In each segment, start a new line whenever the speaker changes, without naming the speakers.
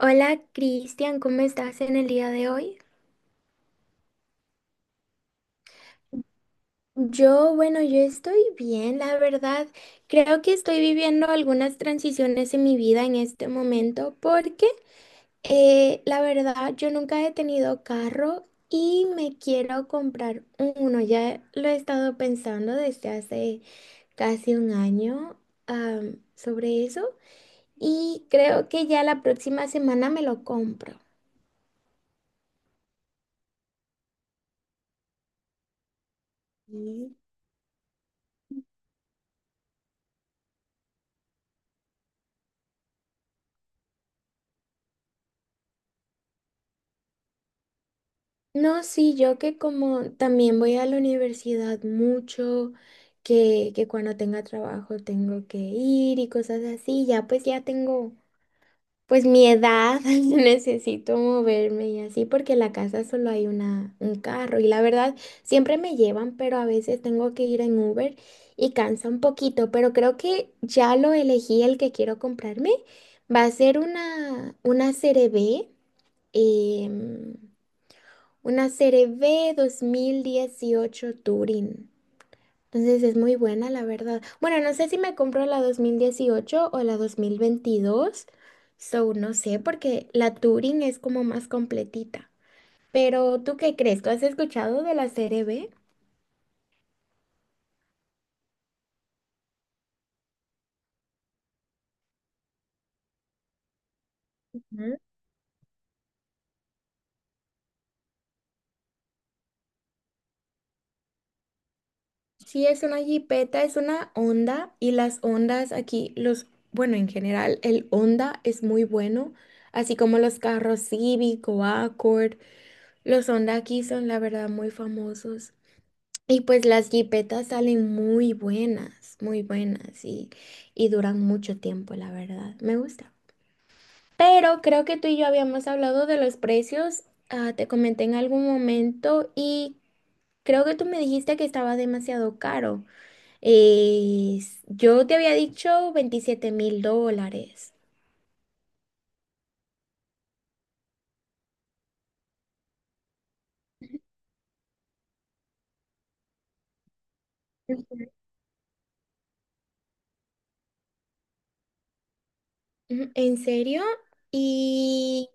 Hola Cristian, ¿cómo estás en el día de hoy? Yo, bueno, yo estoy bien, la verdad. Creo que estoy viviendo algunas transiciones en mi vida en este momento, porque la verdad yo nunca he tenido carro y me quiero comprar uno. Ya lo he estado pensando desde hace casi un año sobre eso, y creo que ya la próxima semana me lo compro. No, sí, yo, que como también voy a la universidad mucho, que cuando tenga trabajo tengo que ir y cosas así, ya pues ya tengo, pues, mi edad, necesito moverme y así, porque en la casa solo hay un carro y la verdad siempre me llevan, pero a veces tengo que ir en Uber y cansa un poquito, pero creo que ya lo elegí el que quiero comprarme. Va a ser una serie B 2018 Turing. Entonces es muy buena, la verdad. Bueno, no sé si me compro la 2018 o la 2022. So, no sé, porque la Turing es como más completita. Pero, ¿tú qué crees? ¿Tú has escuchado de la serie B? Ujú. Sí, es una jipeta, es una Honda, y las Hondas aquí, los, bueno, en general, el Honda es muy bueno, así como los carros Civic o Accord. Los Honda aquí son, la verdad, muy famosos. Y pues las jipetas salen muy buenas, muy buenas, y duran mucho tiempo, la verdad. Me gusta. Pero creo que tú y yo habíamos hablado de los precios. Te comenté en algún momento y creo que tú me dijiste que estaba demasiado caro. Yo te había dicho 27.000 dólares. Ujú. Ujú, ¿en serio? Y,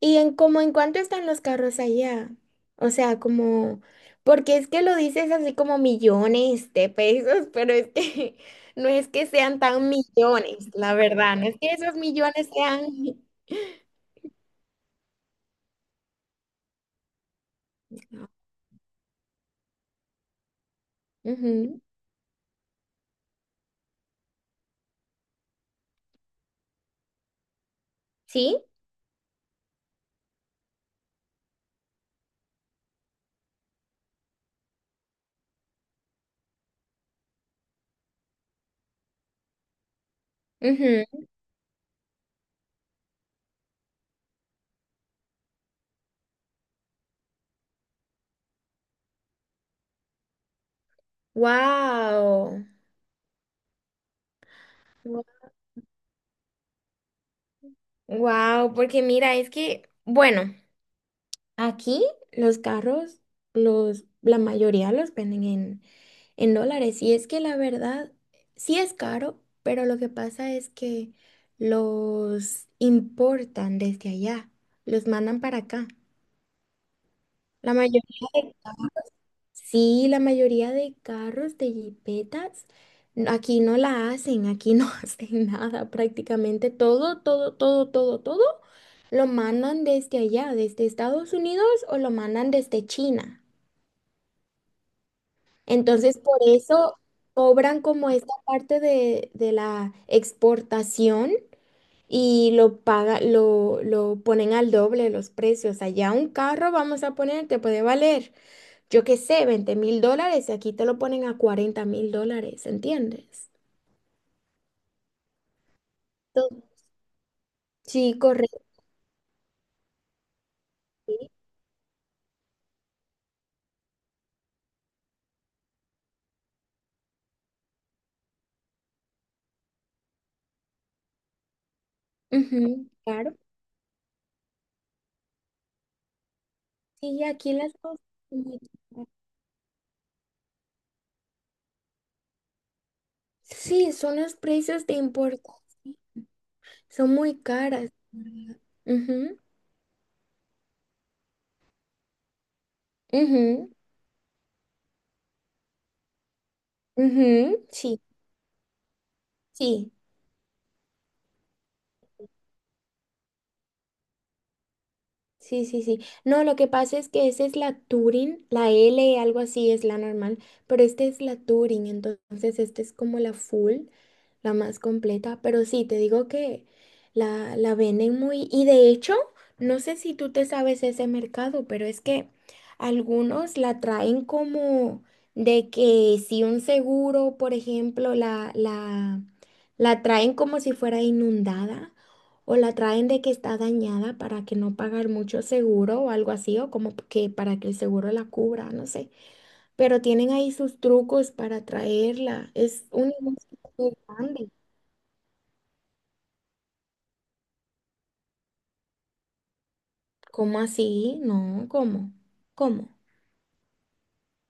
¿Y en cuánto están los carros allá? O sea, como, porque es que lo dices así como millones de pesos, pero es que no es que sean tan millones, la verdad, no es que esos millones sean... Ujú. ¿Sí? Ujú. Wow. Wow, porque mira, es que, bueno, aquí los carros, la mayoría los venden en dólares. Y es que la verdad, sí es caro, pero lo que pasa es que los importan desde allá, los mandan para acá. La mayoría de, sí, la mayoría de carros, de jipetas, aquí no la hacen, aquí no hacen nada prácticamente. Todo, todo, todo, todo, todo lo mandan desde allá, desde Estados Unidos, o lo mandan desde China. Entonces, por eso cobran como esta parte de la exportación, y lo ponen al doble los precios. Allá un carro, vamos a poner, te puede valer, yo qué sé, 20.000 dólares, y aquí te lo ponen a 40.000 dólares, ¿entiendes? To- Sí, correcto. Ujú, claro. Y aquí las cosas son muy caras. Sí, son los precios de importación. Son muy caras, la verdad. Ujú, ujú. Ujú, sí, sí, sí, sí, sí. No, lo que pasa es que esa es la Turing, la L, algo así es la normal, pero esta es la Turing, entonces esta es como la full, la más completa, pero sí, te digo que la venden muy, y de hecho, no sé si tú te sabes ese mercado, pero es que algunos la traen como de que si un seguro, por ejemplo, la traen como si fuera inundada. O la traen de que está dañada para que no pagar mucho seguro o algo así, o como que para que el seguro la cubra, no sé. Pero tienen ahí sus trucos para traerla. Es un negocio muy grande. ¿Cómo así? No, ¿cómo? ¿Cómo?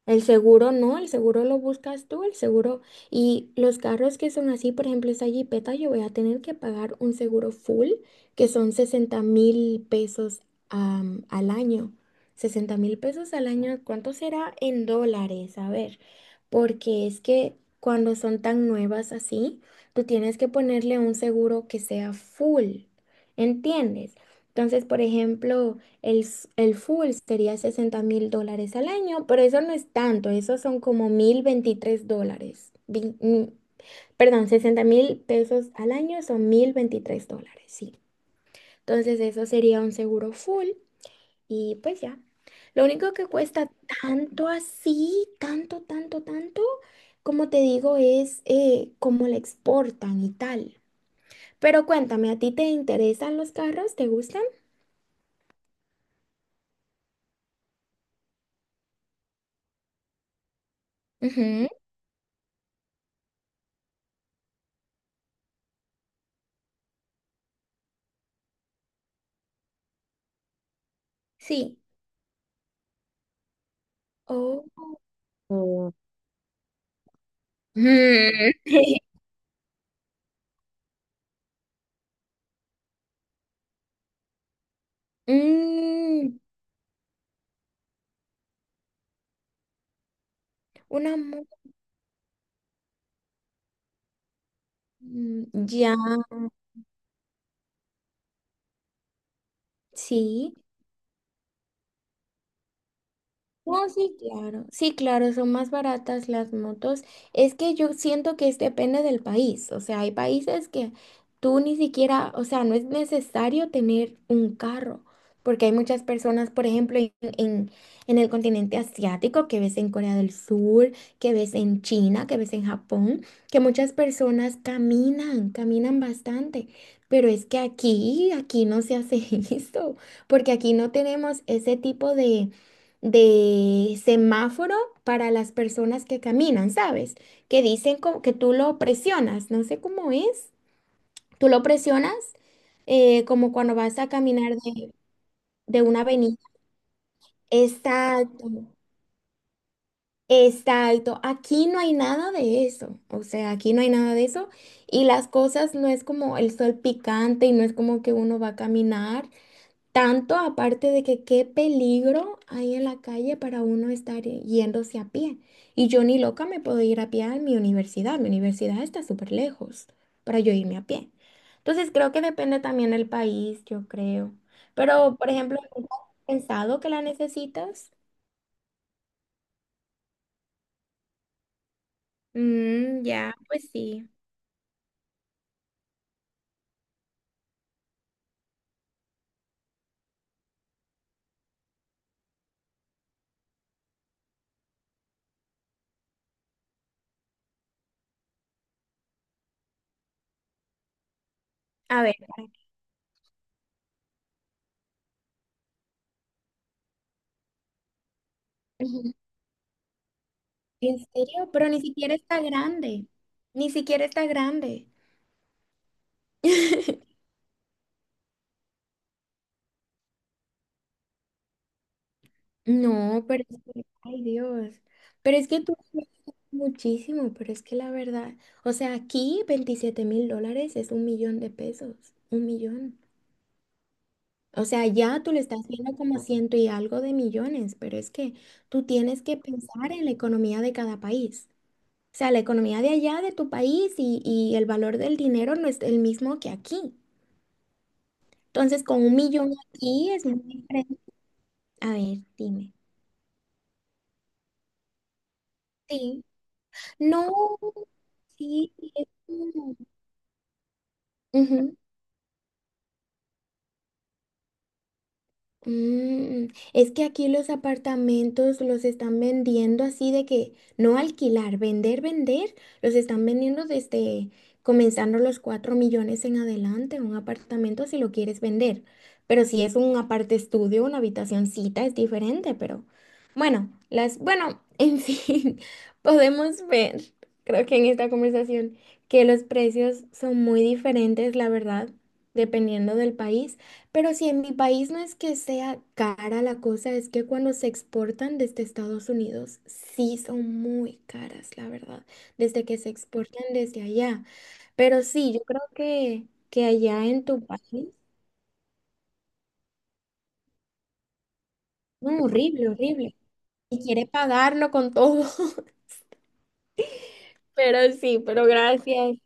El seguro no, el seguro lo buscas tú, el seguro. Y los carros que son así, por ejemplo, esa jipeta, yo voy a tener que pagar un seguro full, que son 60.000 pesos al año. 60.000 pesos al año, ¿cuánto será en dólares? A ver, porque es que cuando son tan nuevas así, tú tienes que ponerle un seguro que sea full, ¿entiendes? Entonces, por ejemplo... El full sería 60.000 dólares al año, pero eso no es tanto, eso son como 1.023 dólares. Perdón, 60.000 pesos al año son 1.023 dólares, sí. Entonces eso sería un seguro full y pues ya. Lo único que cuesta tanto así, tanto, tanto, tanto, como te digo, es cómo la exportan y tal. Pero cuéntame, ¿a ti te interesan los carros? ¿Te gustan? Ujú, sí. Oh. Mm. Mm, una mu- mm, ya, sí. No, sí, claro. Sí, claro, son más baratas las motos. Es que yo siento que depende del país. O sea, hay países que tú ni siquiera, o sea, no es necesario tener un carro, porque hay muchas personas, por ejemplo, en, en el continente asiático, que ves en Corea del Sur, que ves en China, que ves en Japón, que muchas personas caminan, caminan bastante. Pero es que aquí, aquí no se hace eso, porque aquí no tenemos ese tipo de semáforo para las personas que caminan, ¿sabes? Que dicen como que tú lo presionas, no sé cómo es. Tú lo presionas como cuando vas a caminar de, una avenida. Exacto, exacto. Aquí no hay nada de eso. O sea, aquí no hay nada de eso. Y las cosas no es como el sol picante y no es como que uno va a caminar. Tanto aparte de que qué peligro hay en la calle para uno estar yéndose a pie. Y yo ni loca me puedo ir a pie a mi universidad. Mi universidad está súper lejos para yo irme a pie. Entonces creo que depende también del país, yo creo. Pero, por ejemplo, ¿nunca has pensado que la necesitas? Mm, ya, pues sí. A ver, para... Ujú. ¿En serio? Pero ni siquiera está grande. Ni siquiera está grande. No, pero es que, ay Dios, pero es que tú ganas muchísimo, pero es que la verdad, o sea, aquí 27.000 dólares es un millón de pesos, un millón. O sea, ya tú le estás viendo como ciento y algo de millones, pero es que tú tienes que pensar en la economía de cada país. O sea, la economía de allá, de tu país, y el valor del dinero no es el mismo que aquí. Entonces, con un millón aquí es muy diferente. A ver, dime. Sí. No, sí, es como... Ujú. Mm, es que aquí los apartamentos los están vendiendo así de que no alquilar, vender, vender, los están vendiendo desde comenzando los 4 millones en adelante, un apartamento si lo quieres vender. Pero si es un aparte estudio, una habitacioncita es diferente, pero bueno, las, bueno, en fin, podemos ver, creo que en esta conversación, que los precios son muy diferentes, la verdad, dependiendo del país. Pero si en mi país no es que sea cara la cosa, es que cuando se exportan desde Estados Unidos, sí son muy caras, la verdad, desde que se exportan desde allá. Pero sí, yo creo que allá en tu país, no, horrible, horrible. Y quiere pagarlo con todo. Pero sí, pero gracias.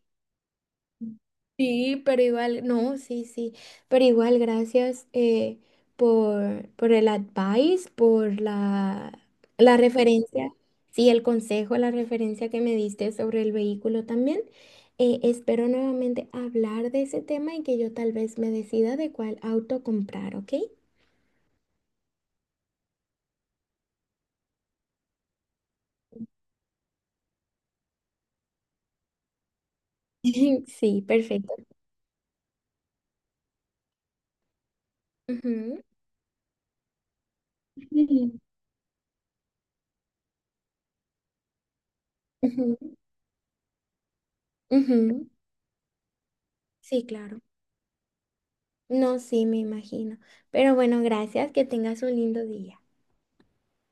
Sí, pero igual, no, sí, sí, pero igual gracias por el advice, por la referencia, sí, el consejo, la referencia que me diste sobre el vehículo también. Espero nuevamente hablar de ese tema y que yo tal vez me decida de cuál auto comprar, ¿ok? Sí, perfecto. Ujú. Sí. Ujú, ujú. Sí, claro. No, sí, me imagino. Pero bueno, gracias, que tengas un lindo día.